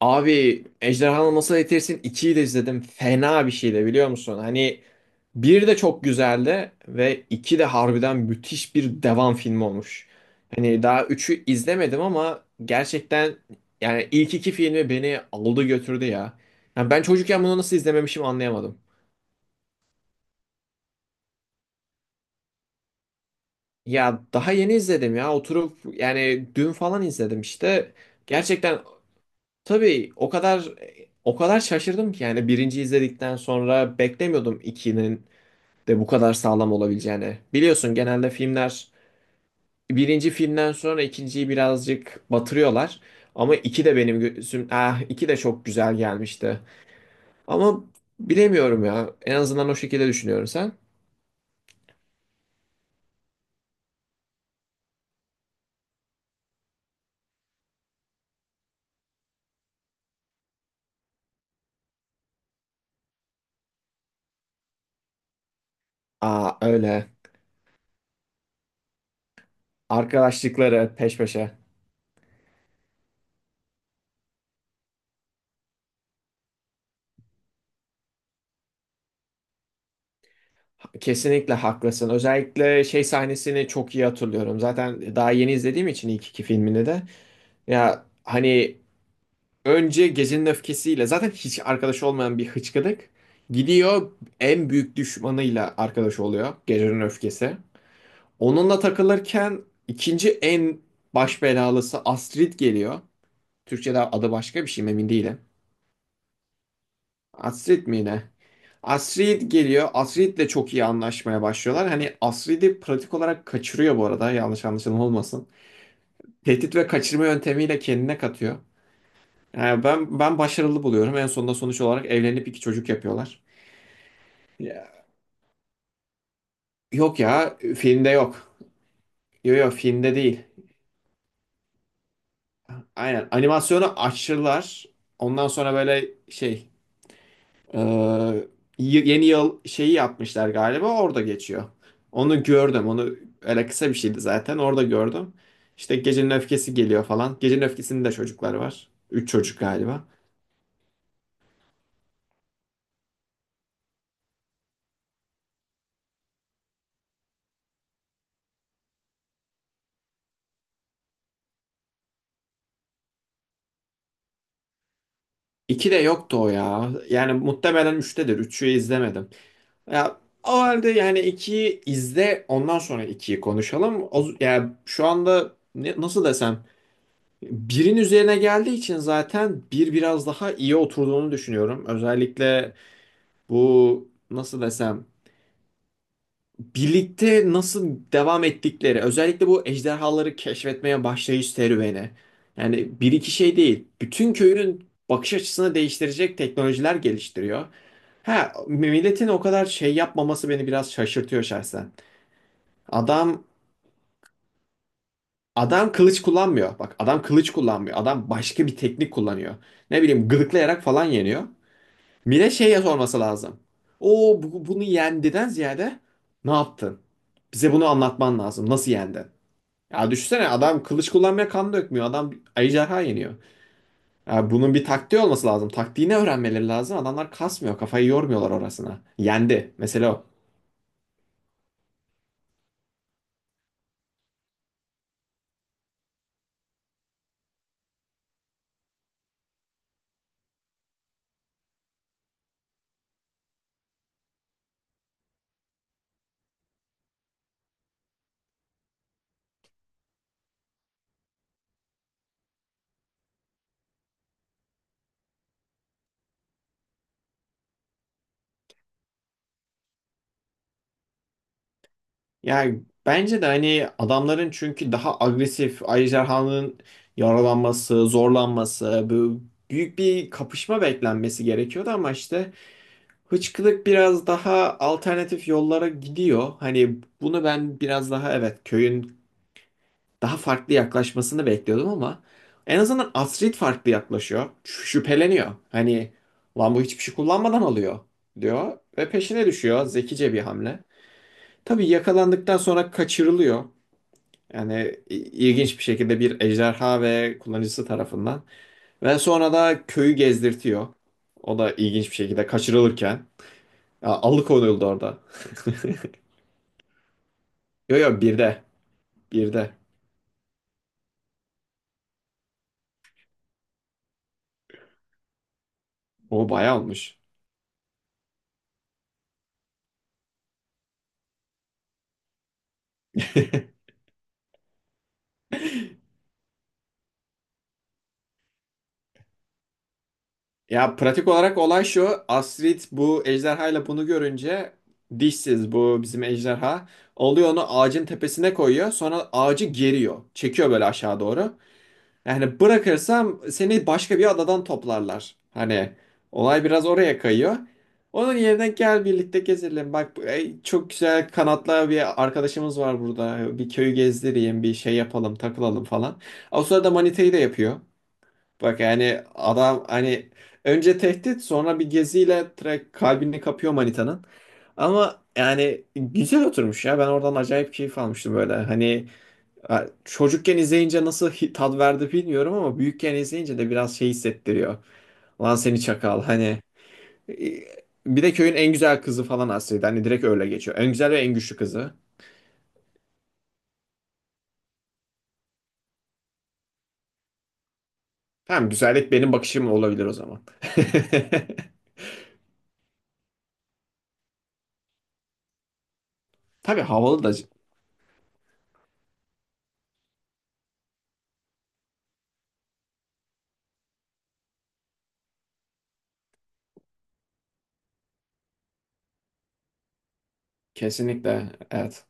Abi Ejderhanı Nasıl Eğitirsin ikiyi de izledim. Fena bir şeydi biliyor musun? Hani bir de çok güzeldi ve iki de harbiden müthiş bir devam filmi olmuş. Hani daha üçü izlemedim ama gerçekten yani ilk iki filmi beni aldı götürdü ya. Yani ben çocukken bunu nasıl izlememişim anlayamadım. Ya daha yeni izledim ya oturup yani dün falan izledim işte. Gerçekten tabii o kadar o kadar şaşırdım ki yani birinci izledikten sonra beklemiyordum 2'nin de bu kadar sağlam olabileceğini. Biliyorsun genelde filmler birinci filmden sonra ikinciyi birazcık batırıyorlar. Ama iki de benim gözüm, ah iki de çok güzel gelmişti. Ama bilemiyorum ya. En azından o şekilde düşünüyorum sen. Aa öyle. Arkadaşlıkları peş peşe. Kesinlikle haklısın. Özellikle şey sahnesini çok iyi hatırlıyorum. Zaten daha yeni izlediğim için ilk iki filmini de. Ya hani önce gecenin öfkesiyle zaten hiç arkadaşı olmayan bir hıçkıdık gidiyor, en büyük düşmanıyla arkadaş oluyor gecenin öfkesi. Onunla takılırken ikinci en baş belalısı Astrid geliyor. Türkçe'de adı başka bir şey mi emin değilim. Astrid mi ne? Astrid geliyor. Astrid'le çok iyi anlaşmaya başlıyorlar. Hani Astrid'i pratik olarak kaçırıyor bu arada. Yanlış anlaşılma olmasın. Tehdit ve kaçırma yöntemiyle kendine katıyor. Yani ben başarılı buluyorum. En sonunda sonuç olarak evlenip iki çocuk yapıyorlar. Ya, yok ya filmde yok. Yok yok filmde değil. Aynen animasyonu açtılar. Ondan sonra böyle şey e, yeni yıl şeyi yapmışlar galiba orada geçiyor. Onu gördüm onu, öyle kısa bir şeydi zaten orada gördüm. İşte Gecenin Öfkesi geliyor falan. Gecenin öfkesinde de çocukları var. Üç çocuk galiba. İki de yoktu o ya. Yani muhtemelen üçtedir. Üçü izlemedim. Ya o halde yani 2'yi izle ondan sonra ikiyi konuşalım. O, yani şu anda nasıl desem birin üzerine geldiği için zaten bir biraz daha iyi oturduğunu düşünüyorum. Özellikle bu nasıl desem birlikte nasıl devam ettikleri, özellikle bu ejderhaları keşfetmeye başlayış serüveni. Yani bir iki şey değil. Bütün köyün bakış açısını değiştirecek teknolojiler geliştiriyor. Ha, milletin o kadar şey yapmaması beni biraz şaşırtıyor şahsen. Adam adam kılıç kullanmıyor. Bak adam kılıç kullanmıyor. Adam başka bir teknik kullanıyor. Ne bileyim gıdıklayarak falan yeniyor. Mine şeye sorması lazım. O bunu yendiden ziyade ne yaptın? Bize bunu anlatman lazım. Nasıl yendin? Ya düşünsene adam kılıç kullanmaya kan dökmüyor. Adam ejderha yeniyor. Ya bunun bir taktiği olması lazım. Taktiğini öğrenmeleri lazım. Adamlar kasmıyor. Kafayı yormuyorlar orasına. Yendi. Mesela o. Yani bence de hani adamların, çünkü daha agresif, ejderhanın yaralanması, zorlanması, bu büyük bir kapışma beklenmesi gerekiyordu ama işte Hıçkırık biraz daha alternatif yollara gidiyor. Hani bunu ben biraz daha, evet, köyün daha farklı yaklaşmasını bekliyordum ama en azından Astrid farklı yaklaşıyor. Şüpheleniyor. Hani lan bu hiçbir şey kullanmadan alıyor diyor ve peşine düşüyor. Zekice bir hamle. Tabii yakalandıktan sonra kaçırılıyor. Yani ilginç bir şekilde bir ejderha ve kullanıcısı tarafından. Ve sonra da köyü gezdirtiyor. O da ilginç bir şekilde kaçırılırken. Ya, alıkonuldu orada. Yo yo birde. Birde. O bayağı olmuş. Ya pratik olarak olay şu. Astrid bu ejderhayla bunu görünce, dişsiz bu bizim ejderha. Alıyor onu ağacın tepesine koyuyor. Sonra ağacı geriyor. Çekiyor böyle aşağı doğru. Yani bırakırsam seni başka bir adadan toplarlar. Hani olay biraz oraya kayıyor. Onun yerine gel birlikte gezelim. Bak ey, çok güzel kanatlı bir arkadaşımız var burada. Bir köyü gezdireyim, bir şey yapalım, takılalım falan. O sırada manitayı da yapıyor. Bak yani adam hani önce tehdit sonra bir geziyle direkt kalbini kapıyor manitanın. Ama yani güzel oturmuş ya. Ben oradan acayip keyif almıştım böyle. Hani ya, çocukken izleyince nasıl tat verdi bilmiyorum ama büyükken izleyince de biraz şey hissettiriyor. Lan seni çakal hani. e, Bir de köyün en güzel kızı falan aslında. Hani direkt öyle geçiyor. En güzel ve en güçlü kızı. Tamam, güzellik benim bakışım olabilir o zaman. Tabii havalı da, kesinlikle evet.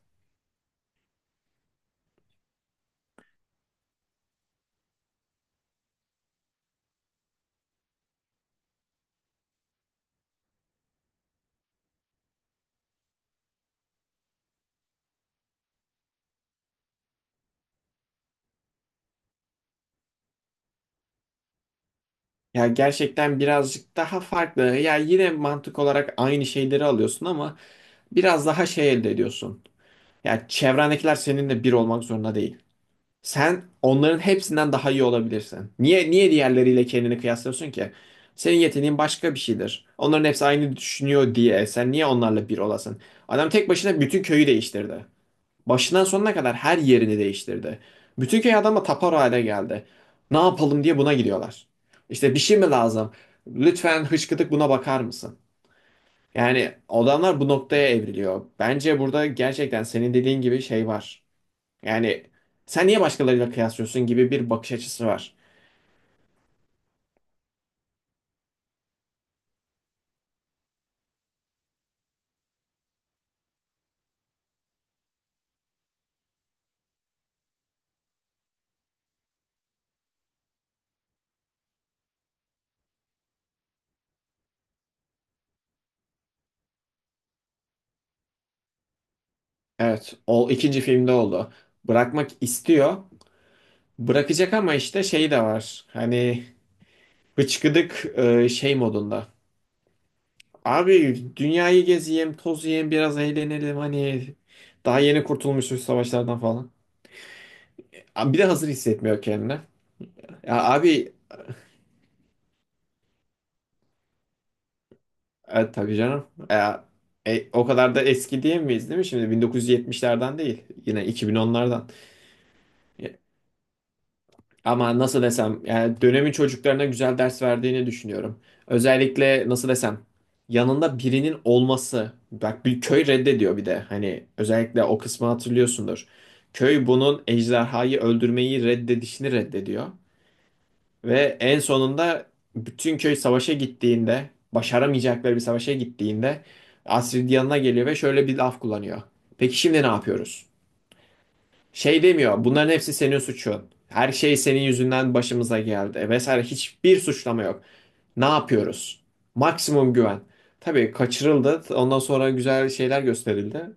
Ya gerçekten birazcık daha farklı. Ya yine mantık olarak aynı şeyleri alıyorsun ama biraz daha şey elde ediyorsun. Ya çevrendekiler seninle bir olmak zorunda değil. Sen onların hepsinden daha iyi olabilirsin. Niye diğerleriyle kendini kıyaslıyorsun ki? Senin yeteneğin başka bir şeydir. Onların hepsi aynı düşünüyor diye sen niye onlarla bir olasın? Adam tek başına bütün köyü değiştirdi. Başından sonuna kadar her yerini değiştirdi. Bütün köy adama tapar hale geldi. Ne yapalım diye buna gidiyorlar. İşte bir şey mi lazım? Lütfen hışkıdık buna bakar mısın? Yani adamlar bu noktaya evriliyor. Bence burada gerçekten senin dediğin gibi şey var. Yani sen niye başkalarıyla kıyaslıyorsun gibi bir bakış açısı var. Evet, o ikinci filmde oldu. Bırakmak istiyor. Bırakacak ama işte şey de var. Hani bıçkıdık şey modunda. Abi dünyayı gezeyim, tozayım, biraz eğlenelim, hani daha yeni kurtulmuşuz savaşlardan falan. Bir de hazır hissetmiyor kendini. Ya abi tabii canım. Ya, o kadar da eski diyemeyiz değil mi? Şimdi 1970'lerden değil. Yine 2010'lardan. Ama nasıl desem yani dönemin çocuklarına güzel ders verdiğini düşünüyorum. Özellikle nasıl desem yanında birinin olması. Bak bir köy reddediyor, bir de hani özellikle o kısmı hatırlıyorsundur. Köy bunun ejderhayı öldürmeyi reddedişini reddediyor. Ve en sonunda bütün köy savaşa gittiğinde, başaramayacakları bir savaşa gittiğinde, Astrid yanına geliyor ve şöyle bir laf kullanıyor. Peki şimdi ne yapıyoruz? Şey demiyor. Bunların hepsi senin suçun. Her şey senin yüzünden başımıza geldi vesaire. Hiçbir suçlama yok. Ne yapıyoruz? Maksimum güven. Tabii kaçırıldı. Ondan sonra güzel şeyler gösterildi.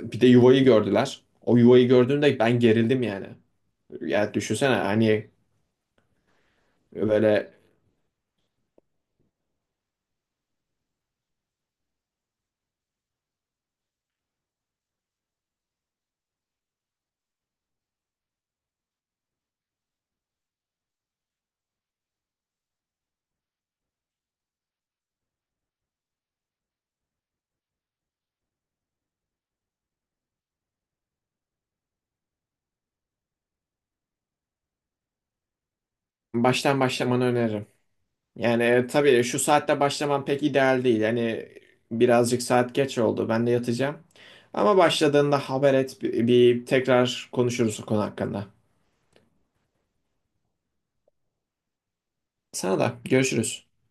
Bir de yuvayı gördüler. O yuvayı gördüğümde ben gerildim yani. Ya düşünsene hani böyle baştan başlamanı öneririm. Yani tabii şu saatte başlaman pek ideal değil. Yani birazcık saat geç oldu. Ben de yatacağım. Ama başladığında haber et. Bir tekrar konuşuruz o konu hakkında. Sana da görüşürüz.